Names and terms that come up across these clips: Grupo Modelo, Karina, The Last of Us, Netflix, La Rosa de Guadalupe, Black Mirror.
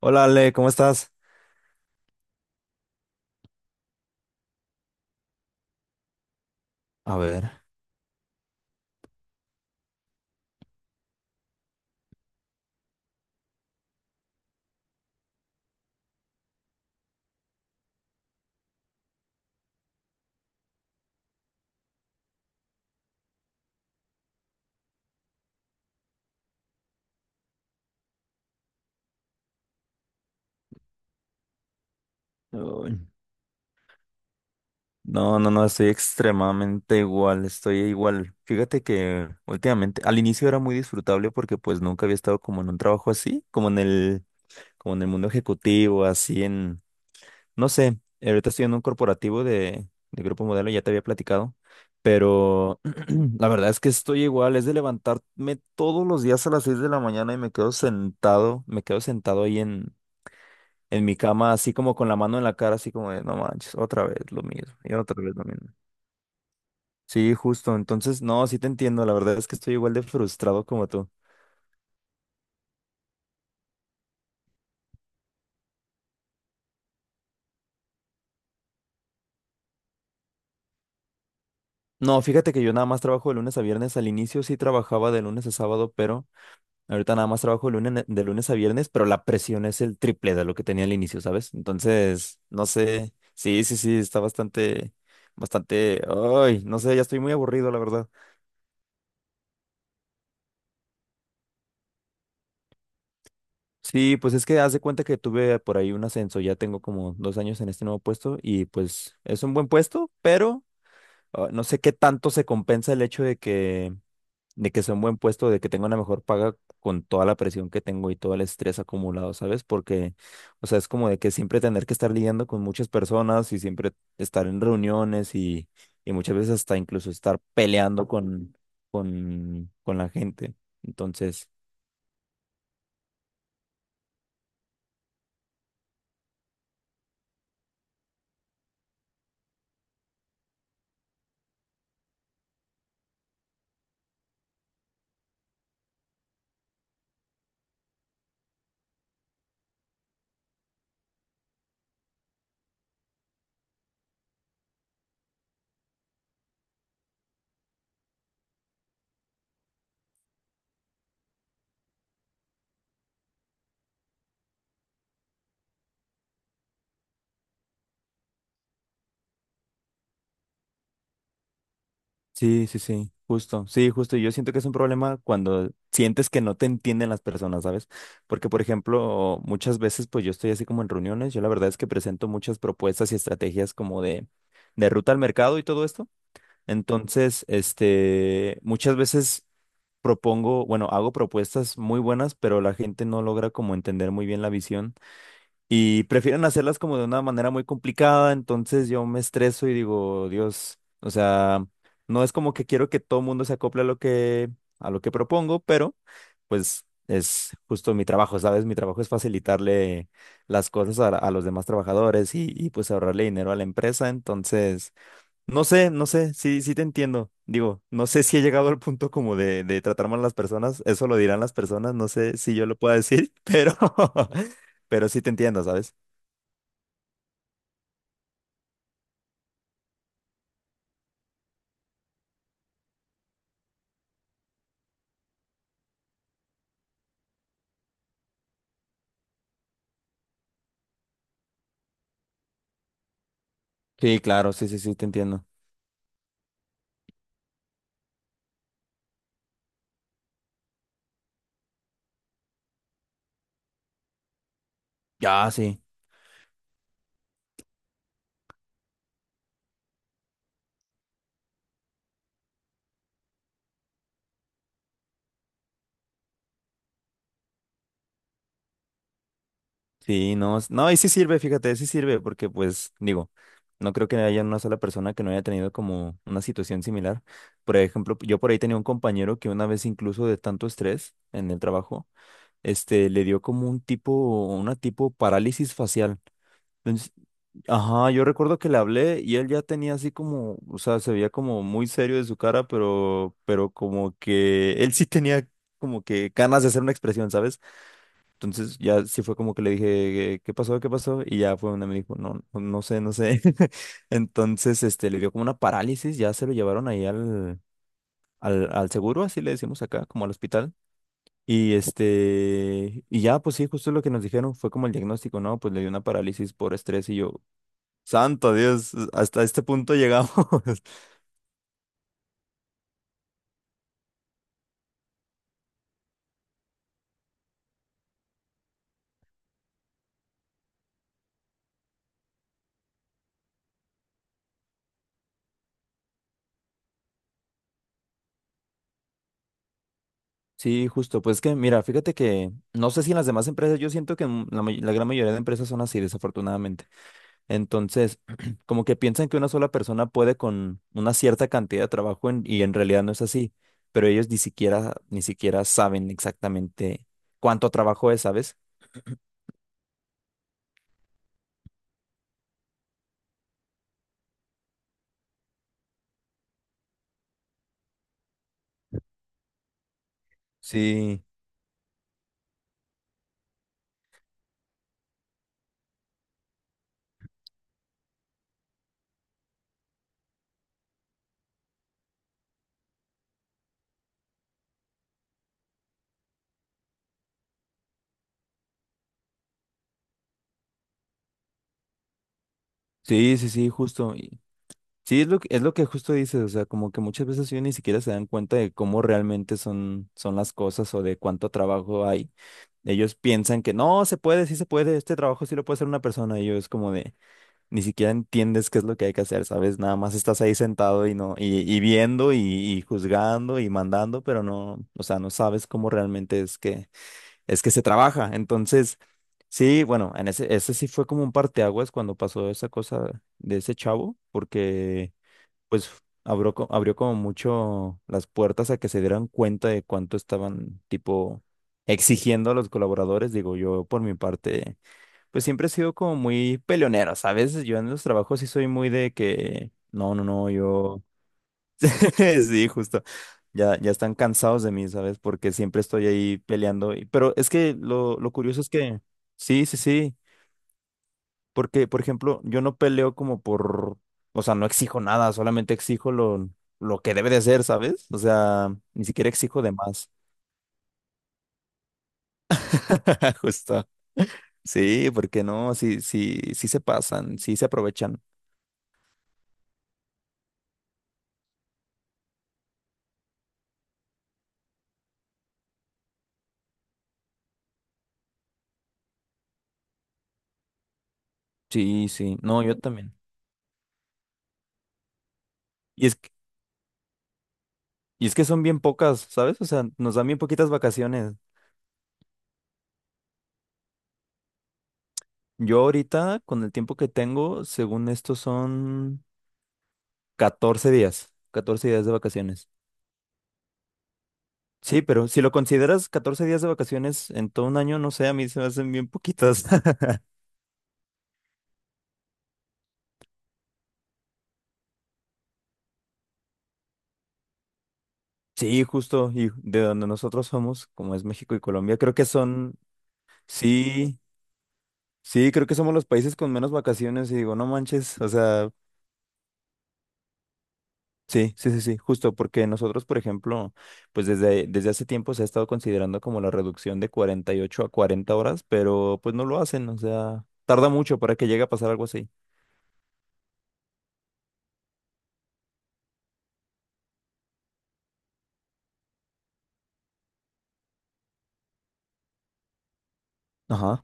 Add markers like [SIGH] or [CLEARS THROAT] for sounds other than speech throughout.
Hola Ale, ¿cómo estás? A ver. uy, No, no, no, estoy extremadamente igual, estoy igual. Fíjate que últimamente, al inicio era muy disfrutable porque pues nunca había estado como en un trabajo así, como en como en el mundo ejecutivo, así en, no sé, ahorita estoy en un corporativo de Grupo Modelo, ya te había platicado, pero [CLEARS THROAT] la verdad es que estoy igual, es de levantarme todos los días a las 6 de la mañana y me quedo sentado ahí en mi cama, así como con la mano en la cara, así como de, no manches, otra vez lo mismo, y otra vez lo mismo. Sí, justo. Entonces, no, sí te entiendo. La verdad es que estoy igual de frustrado como tú. No, fíjate que yo nada más trabajo de lunes a viernes. Al inicio sí trabajaba de lunes a sábado, pero ahorita nada más trabajo de lunes a viernes, pero la presión es el triple de lo que tenía al inicio, ¿sabes? Entonces, no sé. Sí, sí, sí, está bastante, bastante. Ay, no sé, ya estoy muy aburrido, la verdad. Sí, pues es que haz de cuenta que tuve por ahí un ascenso, ya tengo como 2 años en este nuevo puesto y pues es un buen puesto, pero ah, no sé qué tanto se compensa el hecho de que sea un buen puesto, de que tenga una mejor paga con toda la presión que tengo y todo el estrés acumulado, ¿sabes? Porque, o sea, es como de que siempre tener que estar lidiando con muchas personas y siempre estar en reuniones y muchas veces hasta incluso estar peleando con la gente. Entonces... Sí, sí, sí, justo, sí, justo. Yo siento que es un problema cuando sientes que no te entienden las personas, ¿sabes? Porque, por ejemplo, muchas veces, pues yo estoy así como en reuniones, yo la verdad es que presento muchas propuestas y estrategias como de ruta al mercado y todo esto. Entonces, este, muchas veces propongo, bueno, hago propuestas muy buenas, pero la gente no logra como entender muy bien la visión y prefieren hacerlas como de una manera muy complicada, entonces yo me estreso y digo, Dios, o sea, no es como que quiero que todo el mundo se acople a lo que propongo, pero pues es justo mi trabajo, ¿sabes? Mi trabajo es facilitarle las cosas a los demás trabajadores y pues ahorrarle dinero a la empresa, entonces no sé, no sé, sí, sí te entiendo. Digo, no sé si he llegado al punto como de tratar mal a las personas, eso lo dirán las personas, no sé si yo lo pueda decir, [LAUGHS] pero sí te entiendo, ¿sabes? Sí, claro, sí, sí, sí, te entiendo. Ya, sí. Sí, no, no, y sí sirve, fíjate, sí sirve, porque pues, digo, no creo que haya una sola persona que no haya tenido como una situación similar. Por ejemplo, yo por ahí tenía un compañero que una vez incluso de tanto estrés en el trabajo, este, le dio como un tipo, una tipo parálisis facial. Ajá, yo recuerdo que le hablé y él ya tenía así como, o sea, se veía como muy serio de su cara, pero como que él sí tenía como que ganas de hacer una expresión, ¿sabes? Entonces ya sí fue como que le dije, ¿qué pasó? ¿Qué pasó? Y ya fue donde me dijo, no, no sé, no sé. [LAUGHS] Entonces, este, le dio como una parálisis, ya se lo llevaron ahí al seguro, así le decimos acá, como al hospital. Y este, y ya, pues sí, justo lo que nos dijeron fue como el diagnóstico, ¿no? Pues le dio una parálisis por estrés y yo, Santo Dios, hasta este punto llegamos. [LAUGHS] Sí, justo. Pues que, mira, fíjate que no sé si en las demás empresas, yo siento que en la gran mayoría de empresas son así, desafortunadamente. Entonces, [CLEARS THROAT] como que piensan que una sola persona puede con una cierta cantidad de trabajo y en realidad no es así. Pero ellos ni siquiera, ni siquiera saben exactamente cuánto trabajo es, ¿sabes? Sí, sí, sí, sí, justo. Sí, es lo que justo dices, o sea, como que muchas veces ellos ni siquiera se dan cuenta de cómo realmente son, son las cosas o de cuánto trabajo hay. Ellos piensan que no, se puede, sí se puede, este trabajo sí lo puede hacer una persona. Y yo es como de, ni siquiera entiendes qué es lo que hay que hacer, ¿sabes? Nada más estás ahí sentado y no, y viendo y juzgando y mandando, pero no, o sea, no sabes cómo realmente es que se trabaja. Entonces, sí, bueno, en ese sí fue como un parteaguas cuando pasó esa cosa de ese chavo, porque pues abrió, abrió como mucho las puertas a que se dieran cuenta de cuánto estaban, tipo, exigiendo a los colaboradores. Digo, yo por mi parte, pues siempre he sido como muy peleonero, ¿sabes? Yo en los trabajos sí soy muy de que, no, no, no, yo, [LAUGHS] sí, justo. Ya, ya están cansados de mí, ¿sabes? Porque siempre estoy ahí peleando. Pero es que lo curioso es que, sí, sí, sí. Porque, por ejemplo, yo no peleo como por, o sea, no exijo nada, solamente exijo lo que debe de ser, ¿sabes? O sea, ni siquiera exijo de más. [LAUGHS] Justo. Sí, porque no, sí, sí, sí se pasan, sí se aprovechan. Sí, sí, no, yo también. Y es que, y es que son bien pocas, ¿sabes? O sea, nos dan bien poquitas vacaciones. Yo ahorita, con el tiempo que tengo, según esto son 14 días, 14 días de vacaciones. Sí, pero si lo consideras 14 días de vacaciones en todo un año, no sé, a mí se me hacen bien poquitas. [LAUGHS] Sí, justo, y de donde nosotros somos, como es México y Colombia, creo que son, sí, sí, creo que somos los países con menos vacaciones y digo, no manches, o sea, sí, sí, sí, sí, justo, porque nosotros, por ejemplo, pues desde, desde hace tiempo se ha estado considerando como la reducción de 48 a 40 horas, pero pues no lo hacen, o sea, tarda mucho para que llegue a pasar algo así. Ajá.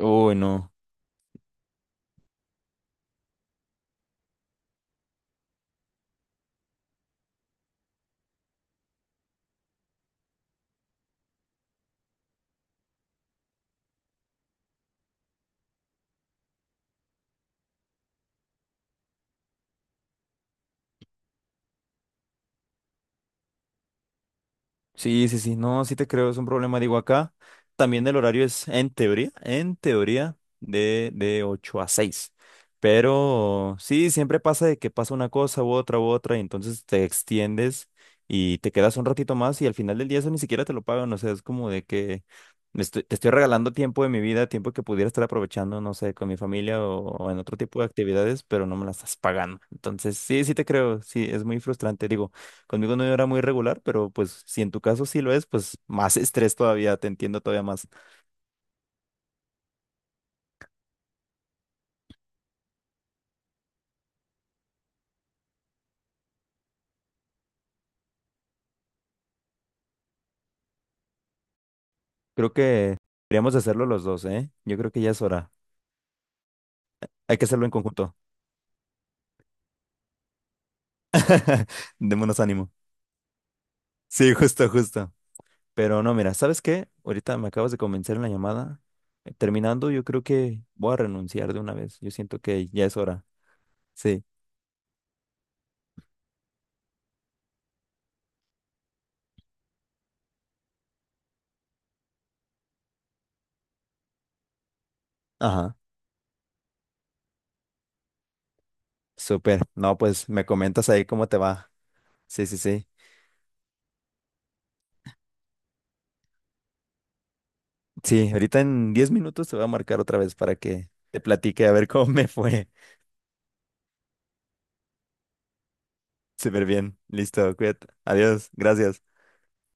Uy, no. Sí, sí, sí, no, sí te creo, es un problema. Digo, acá también el horario es en teoría, de 8 a 6. Pero sí, siempre pasa de que pasa una cosa u otra y entonces te extiendes y te quedas un ratito más y al final del día eso ni siquiera te lo pagan. O sea, es como de que te estoy regalando tiempo de mi vida, tiempo que pudiera estar aprovechando, no sé, con mi familia o en otro tipo de actividades, pero no me la estás pagando. Entonces, sí, sí te creo, sí, es muy frustrante. Digo, conmigo no era muy regular, pero pues si en tu caso sí lo es, pues más [LAUGHS] estrés todavía, te entiendo todavía más. Creo que deberíamos hacerlo los dos, ¿eh? Yo creo que ya es hora. Hay que hacerlo en conjunto. [LAUGHS] Démonos ánimo. Sí, justo, justo. Pero no, mira, ¿sabes qué? Ahorita me acabas de convencer en la llamada. Terminando, yo creo que voy a renunciar de una vez. Yo siento que ya es hora. Sí. Ajá. Súper. No, pues me comentas ahí cómo te va. Sí, sí, sí. Sí, ahorita en 10 minutos te voy a marcar otra vez para que te platique a ver [LAUGHS] cómo me fue. Súper bien. Listo, cuídate. Adiós. Gracias.